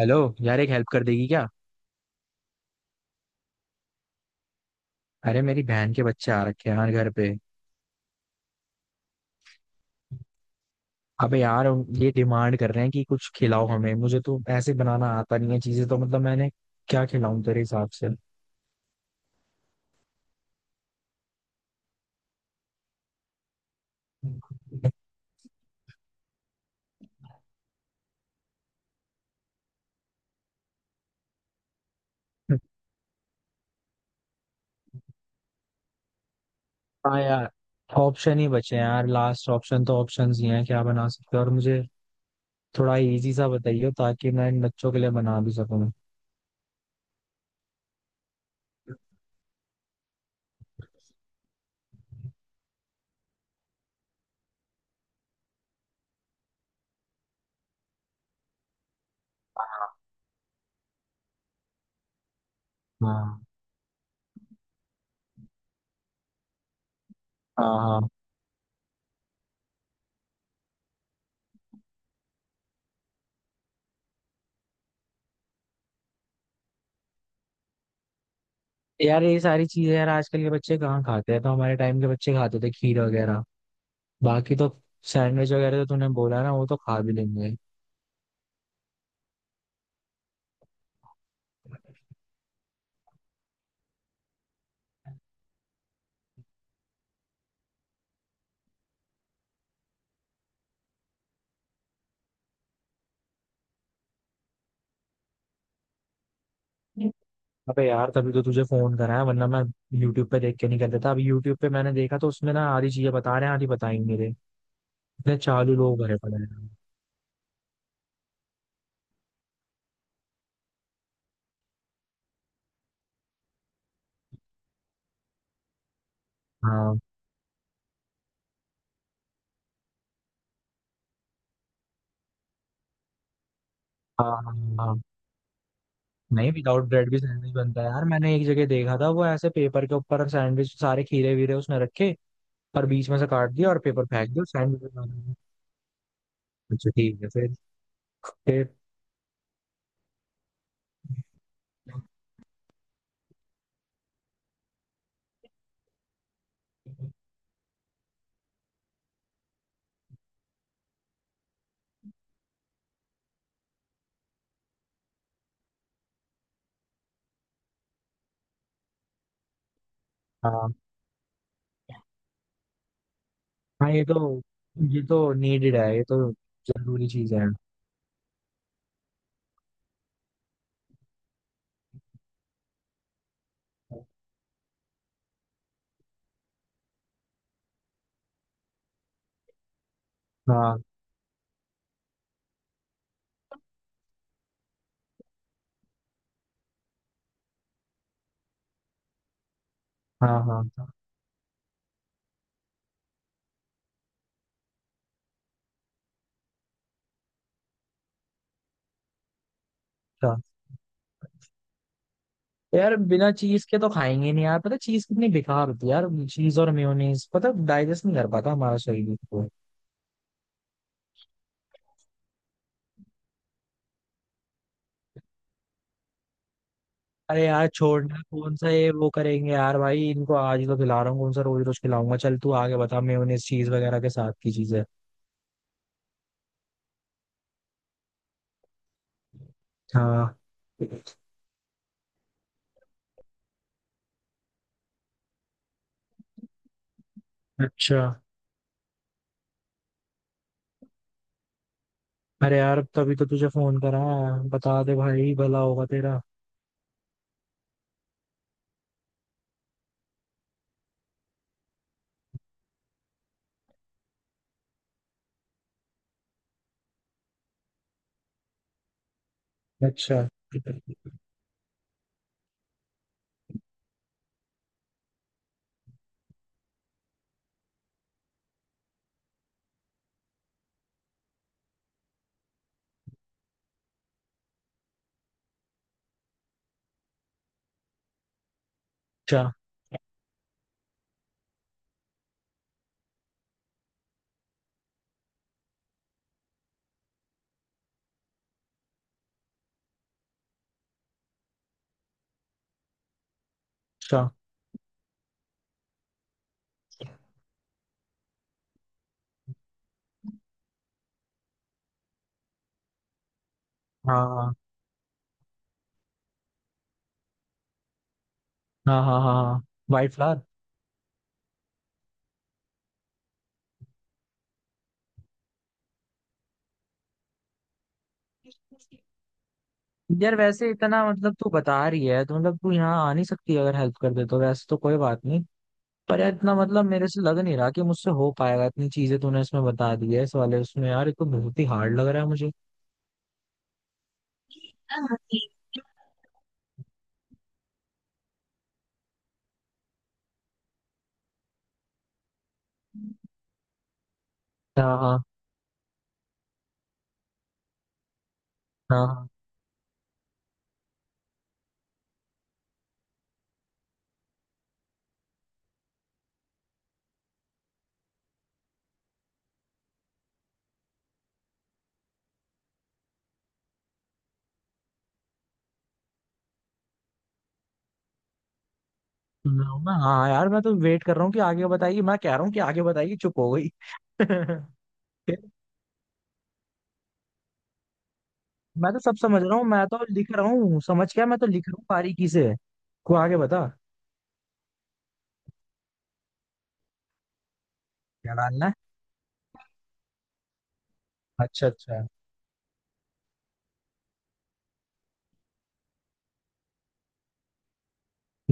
Hello. यार, एक help कर देगी क्या? अरे, मेरी बहन के बच्चे आ रखे हैं यार घर पे। अबे यार, ये डिमांड कर रहे हैं कि कुछ खिलाओ हमें, मुझे तो ऐसे बनाना आता नहीं है चीजें तो मतलब मैंने क्या खिलाऊं तेरे हिसाब से? हाँ यार, ऑप्शन ही बचे हैं यार, लास्ट ऑप्शन तो ऑप्शंस ही हैं। क्या बना सकते हो? और मुझे थोड़ा इजी सा बताइए ताकि मैं इन बच्चों के लिए बना भी सकूं। हाँ, हाँ। हाँ यार, ये सारी चीजें यार आजकल के बच्चे कहाँ खाते हैं? तो हमारे टाइम के बच्चे खाते थे खीर वगैरह। बाकी तो सैंडविच वगैरह तो तूने बोला ना, वो तो खा भी लेंगे। अबे यार, तभी तो तुझे फोन करा है, वरना मैं यूट्यूब पे देख के नहीं कर देता? अभी यूट्यूब पे मैंने देखा तो उसमें ना आधी चीजें बता रहे हैं, आधी बताई नहीं रहे। इतने चालू लोग भरे पड़े हैं। हाँ, हाँ, हाँ, हाँ। नहीं, विदाउट ब्रेड भी सैंडविच बनता है यार। मैंने एक जगह देखा था, वो ऐसे पेपर के ऊपर सैंडविच, सारे खीरे वीरे उसने रखे और बीच में से काट दिया और पेपर फेंक दिया, सैंडविच बना दिया। अच्छा ठीक है। फिर? फिर? हाँ, हाँ, ये तो नीडेड है, ये तो जरूरी चीज है। हाँ, हाँ, हाँ, हाँ। यार बिना चीज के तो खाएंगे नहीं यार, पता चीज कितनी बेकार होती है यार, चीज और मेयोनीज पता डाइजेस्ट नहीं कर पाता हमारा शरीर को। अरे यार छोड़ना, कौन सा ये वो करेंगे यार, भाई इनको आज ही तो खिला रहा हूँ, कौन सा रोज रोज खिलाऊंगा। चल तू आगे बता, मेयोनीज चीज वगैरह के साथ की चीज है। हाँ। अच्छा। अरे यार तभी तो तुझे फोन करा है। बता दे भाई, भला होगा तेरा। अच्छा। अच्छा। अच्छा। हाँ, हाँ, हाँ, हाँ, हाँ। White flower. यार वैसे इतना मतलब तू बता रही है, तो मतलब तू यहाँ आ नहीं सकती? अगर हेल्प कर दे तो, वैसे तो कोई बात नहीं। पर यार इतना मतलब मेरे से लग नहीं रहा कि मुझसे हो पाएगा, इतनी चीजें तूने इसमें बता दी है, इस वाले उसमें यार, ये तो बहुत ही हार्ड लग रहा है मुझे। हाँ, हाँ, हाँ, हाँ। हाँ यार, मैं तो वेट कर रहा हूँ कि आगे बताइए, मैं कह रहा हूँ कि आगे बताइए, चुप हो गई। फिर? मैं तो सब समझ रहा हूँ, मैं तो लिख रहा हूँ। समझ क्या, मैं तो लिख रहा हूँ बारीकी से। को आगे बता। क्या डालना है? अच्छा, अच्छा।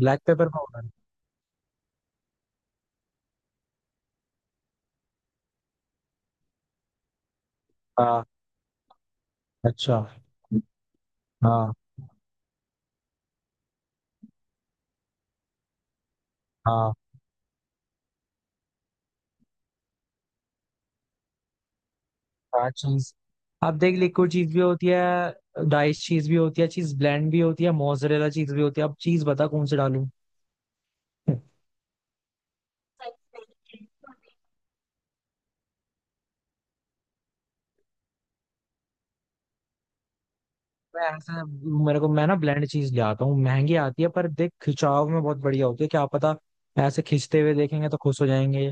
Black pepper powder. हाँ। अच्छा। हाँ, हाँ। चार चीज? आप देख, लिक्विड चीज भी होती है, डाइस चीज भी होती है, चीज ब्लेंड भी होती है, मोजरेला चीज भी होती है। अब चीज बता कौन से डालूं। मैं ऐसा मेरे को, मैं ना ब्लेंड चीज ले आता हूँ, महंगी आती है पर देख खिंचाव में बहुत बढ़िया होती है, क्या पता ऐसे खींचते हुए देखेंगे तो खुश हो जाएंगे।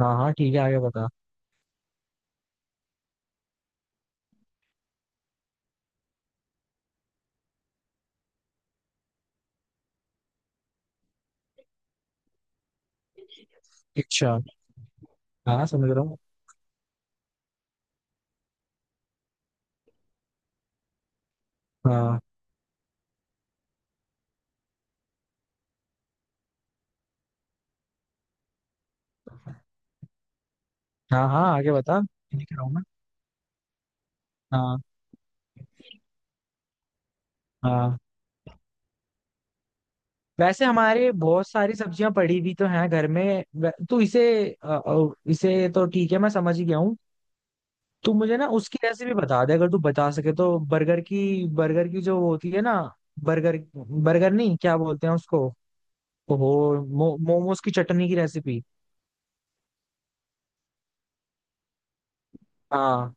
हाँ, हाँ, ठीक है, आगे बता। अच्छा। हाँ, समझ रहा हूँ। हाँ, हाँ, हाँ, आगे बता। लिख रहा हूँ मैं। हाँ, हाँ। वैसे हमारे बहुत सारी सब्जियां पड़ी भी तो हैं घर में। तो इसे इसे तो ठीक है, मैं समझ ही गया हूँ। तू मुझे ना उसकी रेसिपी बता दे, अगर तू बता सके, तो बर्गर की। बर्गर की जो होती है ना, बर्गर, बर्गर नहीं क्या बोलते हैं उसको। ओहो, मोमोज की चटनी की रेसिपी। हाँ।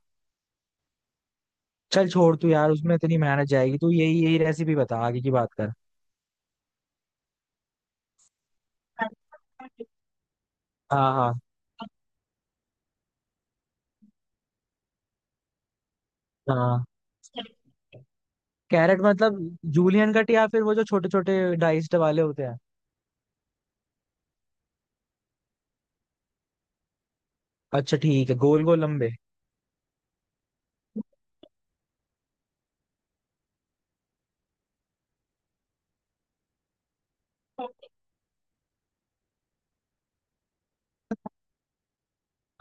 चल छोड़, तू यार उसमें इतनी मेहनत जाएगी, तू यही यही रेसिपी बता, आगे की बात कर। हाँ, हाँ, हाँ। कैरेट मतलब जूलियन कट या फिर वो जो छोटे छोटे डाइस्ड वाले होते हैं? अच्छा ठीक है, गोल गोल लंबे।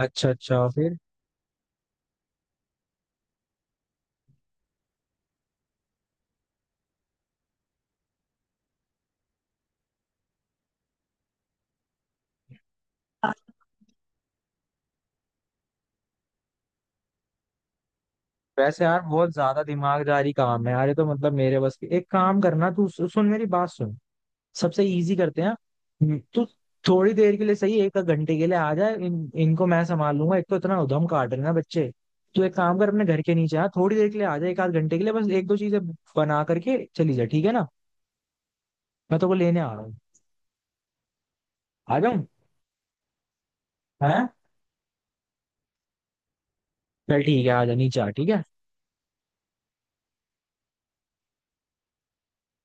अच्छा, अच्छा। फिर? वैसे यार बहुत ज्यादा दिमागदारी काम है यार, ये तो मतलब मेरे बस की। एक काम करना, तू सुन, मेरी बात सुन। सबसे इजी करते हैं। तू थोड़ी देर के लिए, सही 1 घंटे के लिए आ जा। इनको मैं संभाल लूंगा, एक तो इतना उधम काट रहे हैं ना बच्चे। तू एक काम कर, अपने घर के नीचे आ थोड़ी देर के लिए, आ जा एक आध घंटे के लिए, बस एक दो चीजें बना करके चली जा, ठीक है ना? मैं तो को लेने आ रहा हूँ। आ जाऊँ है। चल ठीक है, आ जा नीचे आ। ठीक है।